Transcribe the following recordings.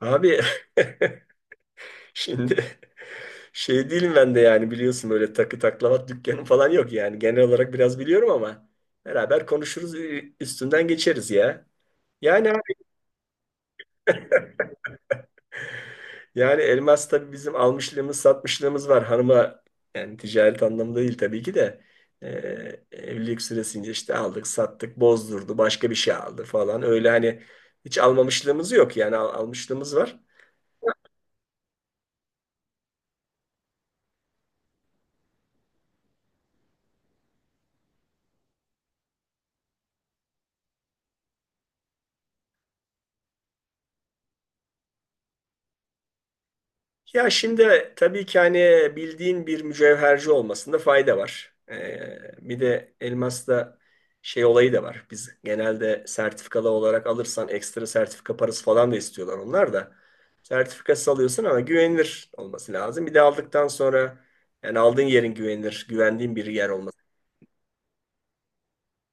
Abi, şimdi şey değilim ben de yani, biliyorsun böyle takı taklavat dükkanım falan yok yani. Genel olarak biraz biliyorum ama beraber konuşuruz, üstünden geçeriz ya. Yani abi, yani elmas tabii bizim almışlığımız satmışlığımız var hanıma, yani ticaret anlamında değil tabii ki de. Ee, Evlilik süresince işte aldık sattık, bozdurdu başka bir şey aldı falan, öyle hani hiç almamışlığımız yok yani almışlığımız var. Ya şimdi tabii ki hani bildiğin bir mücevherci olmasında fayda var. Bir de elmasta şey olayı da var. Biz genelde sertifikalı olarak alırsan ekstra sertifika parası falan da istiyorlar onlar da. Sertifikası alıyorsun ama güvenilir olması lazım. Bir de aldıktan sonra yani aldığın yerin güvenilir, güvendiğin bir yer olması.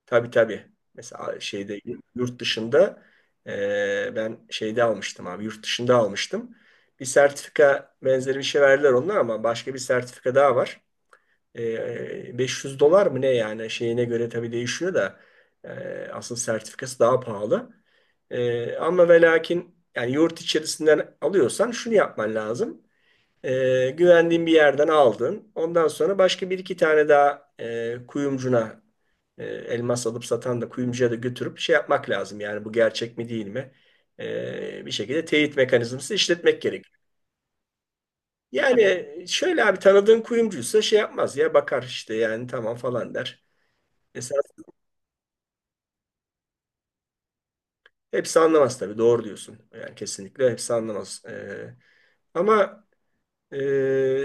Tabii, tabii. Mesela şeyde, yurt dışında, ben şeyde almıştım abi, yurt dışında almıştım. Bir sertifika benzeri bir şey verdiler onlar ama başka bir sertifika daha var. 500 dolar mı ne, yani şeyine göre tabii değişiyor da asıl sertifikası daha pahalı. Ama ve lakin yani yurt içerisinden alıyorsan şunu yapman lazım. Güvendiğin bir yerden aldın. Ondan sonra başka bir iki tane daha kuyumcuna, elmas alıp satan da kuyumcuya da götürüp şey yapmak lazım. Yani bu gerçek mi değil mi? Bir şekilde teyit mekanizması işletmek gerek. Yani şöyle abi, tanıdığın kuyumcuysa şey yapmaz ya, bakar işte, yani tamam falan der. E, Hepsi anlamaz tabii, doğru diyorsun. Yani kesinlikle hepsi anlamaz. Ama Ee,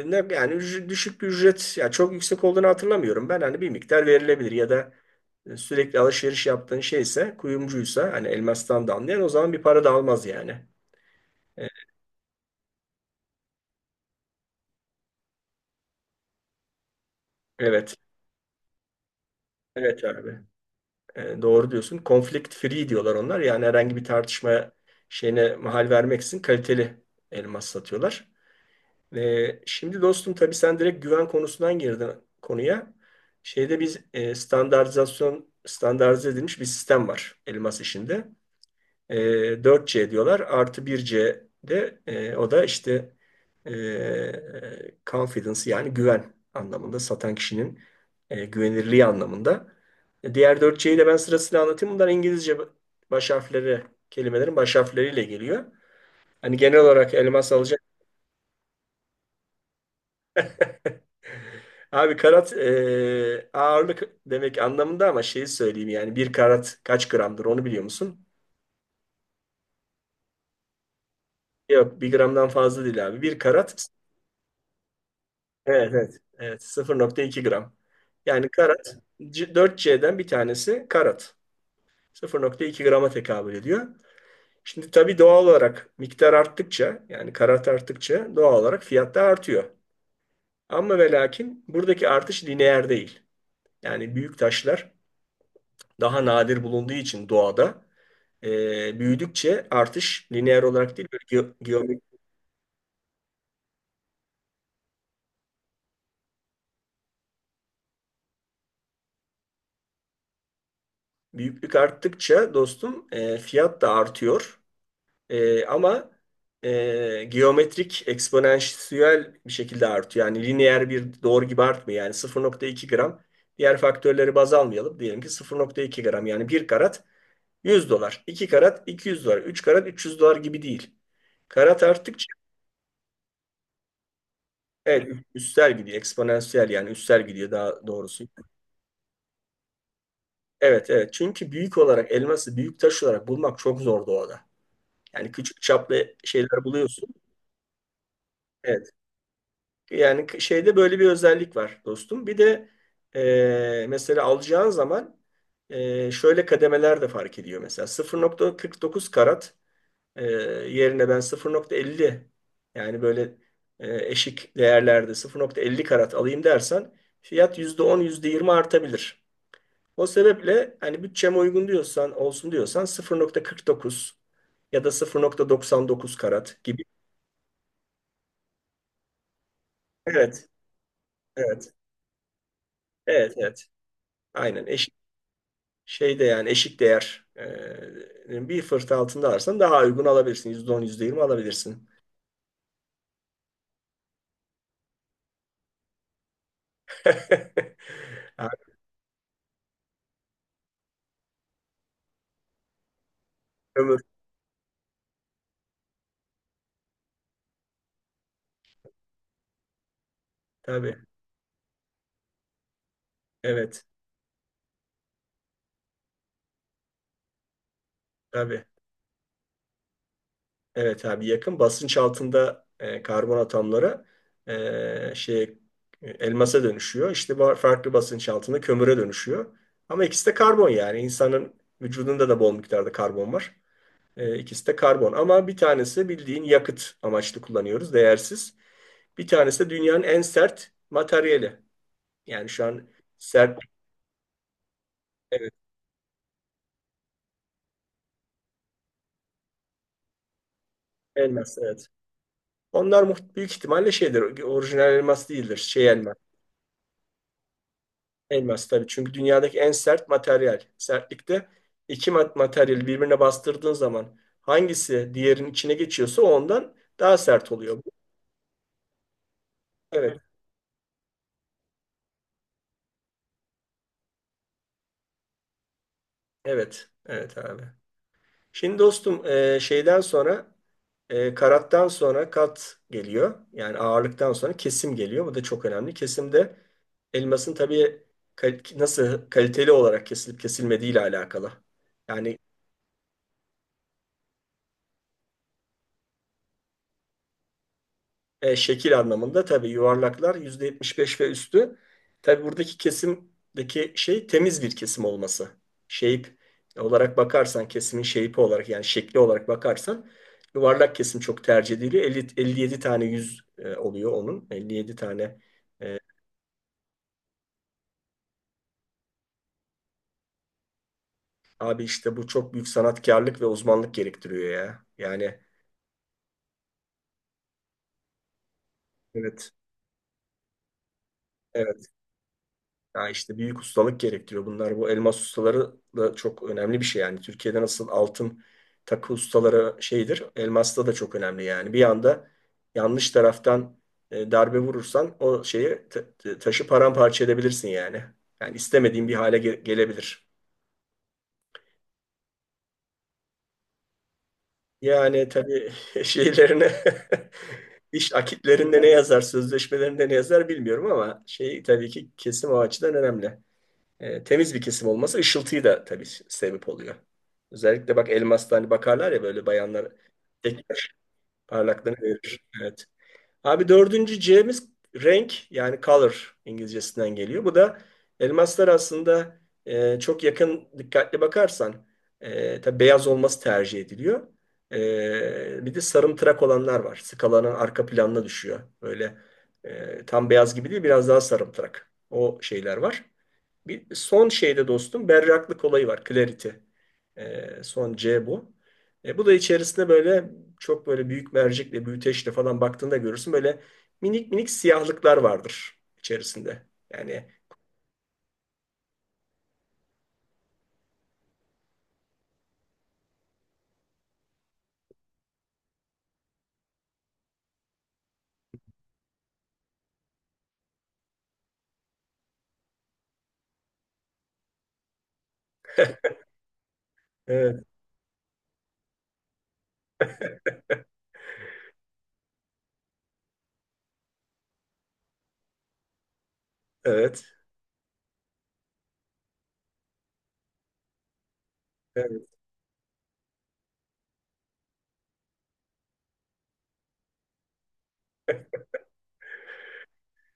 ne yani, düşük bir ücret, ya çok yüksek olduğunu hatırlamıyorum. Ben hani bir miktar verilebilir, ya da sürekli alışveriş yaptığın şeyse, kuyumcuysa hani elmastan da anlayan, o zaman bir para da almaz yani. E, Evet. Evet abi. Doğru diyorsun. Conflict free diyorlar onlar. Yani herhangi bir tartışma şeyine mahal vermeksizin kaliteli elmas satıyorlar. Ve şimdi dostum, tabii sen direkt güven konusundan girdin konuya. Şeyde biz standartizasyon, standartize edilmiş bir sistem var elmas işinde. E, 4C diyorlar, artı bir c de o da işte e, confidence, yani güven anlamında, satan kişinin güvenirliği anlamında. Diğer dört cyi de ben sırasıyla anlatayım. Bunlar İngilizce baş harfleri, kelimelerin baş harfleriyle geliyor. Hani genel olarak elmas alacak. Abi karat ağırlık demek anlamında, ama şeyi söyleyeyim yani bir karat kaç gramdır onu biliyor musun? Yok, bir gramdan fazla değil abi. Bir karat, evet evet, evet 0.2 gram. Yani karat, dört cden bir tanesi karat. 0.2 grama tekabül ediyor. Şimdi tabii doğal olarak miktar arttıkça, yani karat arttıkça doğal olarak fiyat da artıyor. Ama ve lakin buradaki artış lineer değil. Yani büyük taşlar daha nadir bulunduğu için doğada, büyüdükçe artış lineer olarak değil, böyle geometrik. Büyüklük arttıkça dostum fiyat da artıyor. Ama geometrik, eksponansiyel bir şekilde artıyor. Yani lineer bir doğru gibi artmıyor. Yani 0.2 gram, diğer faktörleri baz almayalım. Diyelim ki 0.2 gram yani bir karat 100 dolar, 2 karat 200 dolar, 3 karat 300 dolar gibi değil. Karat arttıkça. Evet, üstel gidiyor. Eksponansiyel, yani üstel gidiyor daha doğrusu. Evet, evet. Çünkü büyük olarak elması, büyük taş olarak bulmak çok zor doğada. Yani küçük çaplı şeyler buluyorsun. Evet. Yani şeyde böyle bir özellik var dostum. Bir de mesela alacağın zaman şöyle kademeler de fark ediyor. Mesela 0.49 karat e, yerine ben 0.50, yani böyle eşik değerlerde 0.50 karat alayım dersen fiyat %10, %20 artabilir. O sebeple hani bütçeme uygun diyorsan, olsun diyorsan 0.49 ya da 0.99 karat gibi. Evet, evet, evet, evet. Aynen, eşik şeyde yani eşik değer, bir fırt altında alırsan daha uygun alabilirsin. %10, %20 alabilirsin. Abi, ömür. Tabii, evet, tabii. Evet abi, yakın. Basınç altında karbon atomları şey elmasa dönüşüyor. İşte farklı basınç altında kömüre dönüşüyor. Ama ikisi de karbon yani. İnsanın vücudunda da bol miktarda karbon var. İkisi de karbon. Ama bir tanesi bildiğin yakıt amaçlı kullanıyoruz. Değersiz. Bir tanesi de dünyanın en sert materyali. Yani şu an sert, evet, elmas, evet. Onlar büyük ihtimalle şeydir. Orijinal elmas değildir. Şey elmas. Elmas tabii, çünkü dünyadaki en sert materyal. Sertlikte iki materyali birbirine bastırdığın zaman hangisi diğerinin içine geçiyorsa o ondan daha sert oluyor. Evet, evet, evet abi. Şimdi dostum şeyden sonra, karattan sonra kat geliyor. Yani ağırlıktan sonra kesim geliyor. Bu da çok önemli. Kesimde elmasın tabii nasıl kaliteli olarak kesilip kesilmediği ile alakalı. Yani şekil anlamında tabii yuvarlaklar %75 ve üstü. Tabii buradaki kesimdeki şey, temiz bir kesim olması. Shape olarak bakarsan, kesimin shape olarak, yani şekli olarak bakarsan yuvarlak kesim çok tercih ediliyor. 50, 57 tane yüz oluyor onun. 57 tane. E, abi işte bu çok büyük sanatkarlık ve uzmanlık gerektiriyor ya. Yani evet, evet. Ya işte büyük ustalık gerektiriyor bunlar. Bu elmas ustaları da çok önemli bir şey yani. Türkiye'de nasıl altın takı ustaları şeydir, elmasta da çok önemli yani. Bir anda yanlış taraftan darbe vurursan o şeyi taşı paramparça edebilirsin yani. Yani istemediğin bir hale gelebilir. Yani tabii, şeylerine iş akitlerinde ne yazar, sözleşmelerinde ne yazar bilmiyorum ama şey, tabii ki kesim o açıdan önemli. Temiz bir kesim olması ışıltıyı da tabii sebep oluyor. Özellikle bak, elmasta hani bakarlar ya böyle bayanlar, tek parlaklığını verir. Evet. Abi, dördüncü C'miz renk, yani color İngilizcesinden geliyor. Bu da elmaslar aslında çok yakın dikkatli bakarsan, tabii beyaz olması tercih ediliyor. Bir de sarımtırak olanlar var. Skalanın arka planına düşüyor. Böyle tam beyaz gibi değil, biraz daha sarımtırak. O şeyler var. Bir son şeyde dostum, berraklık olayı var. Clarity. Son C bu. Bu da içerisinde böyle çok böyle büyük mercekle, büyüteçle falan baktığında görürsün. Böyle minik minik siyahlıklar vardır içerisinde. Yani evet, evet, evet.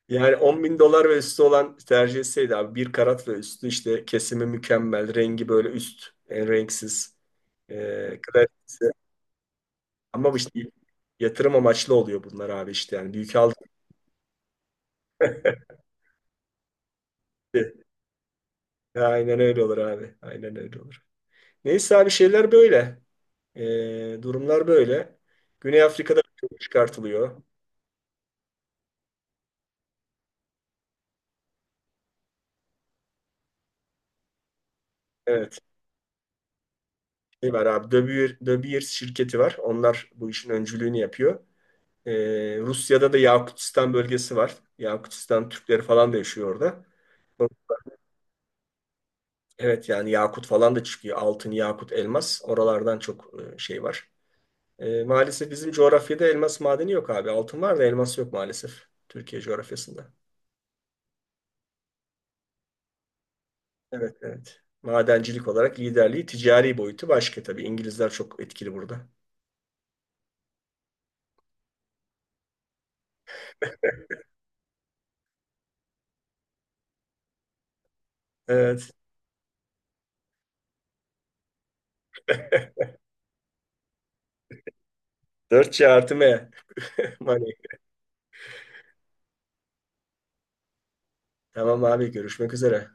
Yani 10 bin dolar ve üstü olan tercih etseydi abi, bir karat ve üstü, işte kesimi mükemmel, rengi böyle üst, en renksiz. Kalitesi. Ama bu işte yatırım amaçlı oluyor bunlar abi, işte yani büyük aldık. Aynen öyle olur abi. Aynen öyle olur. Neyse abi, şeyler böyle. Durumlar böyle. Güney Afrika'da çok çıkartılıyor. Evet. Şey var abi. De Beer, De Beers şirketi var. Onlar bu işin öncülüğünü yapıyor. Rusya'da da Yakutistan bölgesi var. Yakutistan Türkleri falan da yaşıyor orada. Evet, yani Yakut falan da çıkıyor. Altın, Yakut, elmas. Oralardan çok şey var. Maalesef bizim coğrafyada elmas madeni yok abi. Altın var da elmas yok maalesef. Türkiye coğrafyasında. Evet, evet. Madencilik olarak liderliği, ticari boyutu başka tabii. İngilizler çok etkili burada. Evet. Dört c artı M. Money. Tamam abi, görüşmek üzere.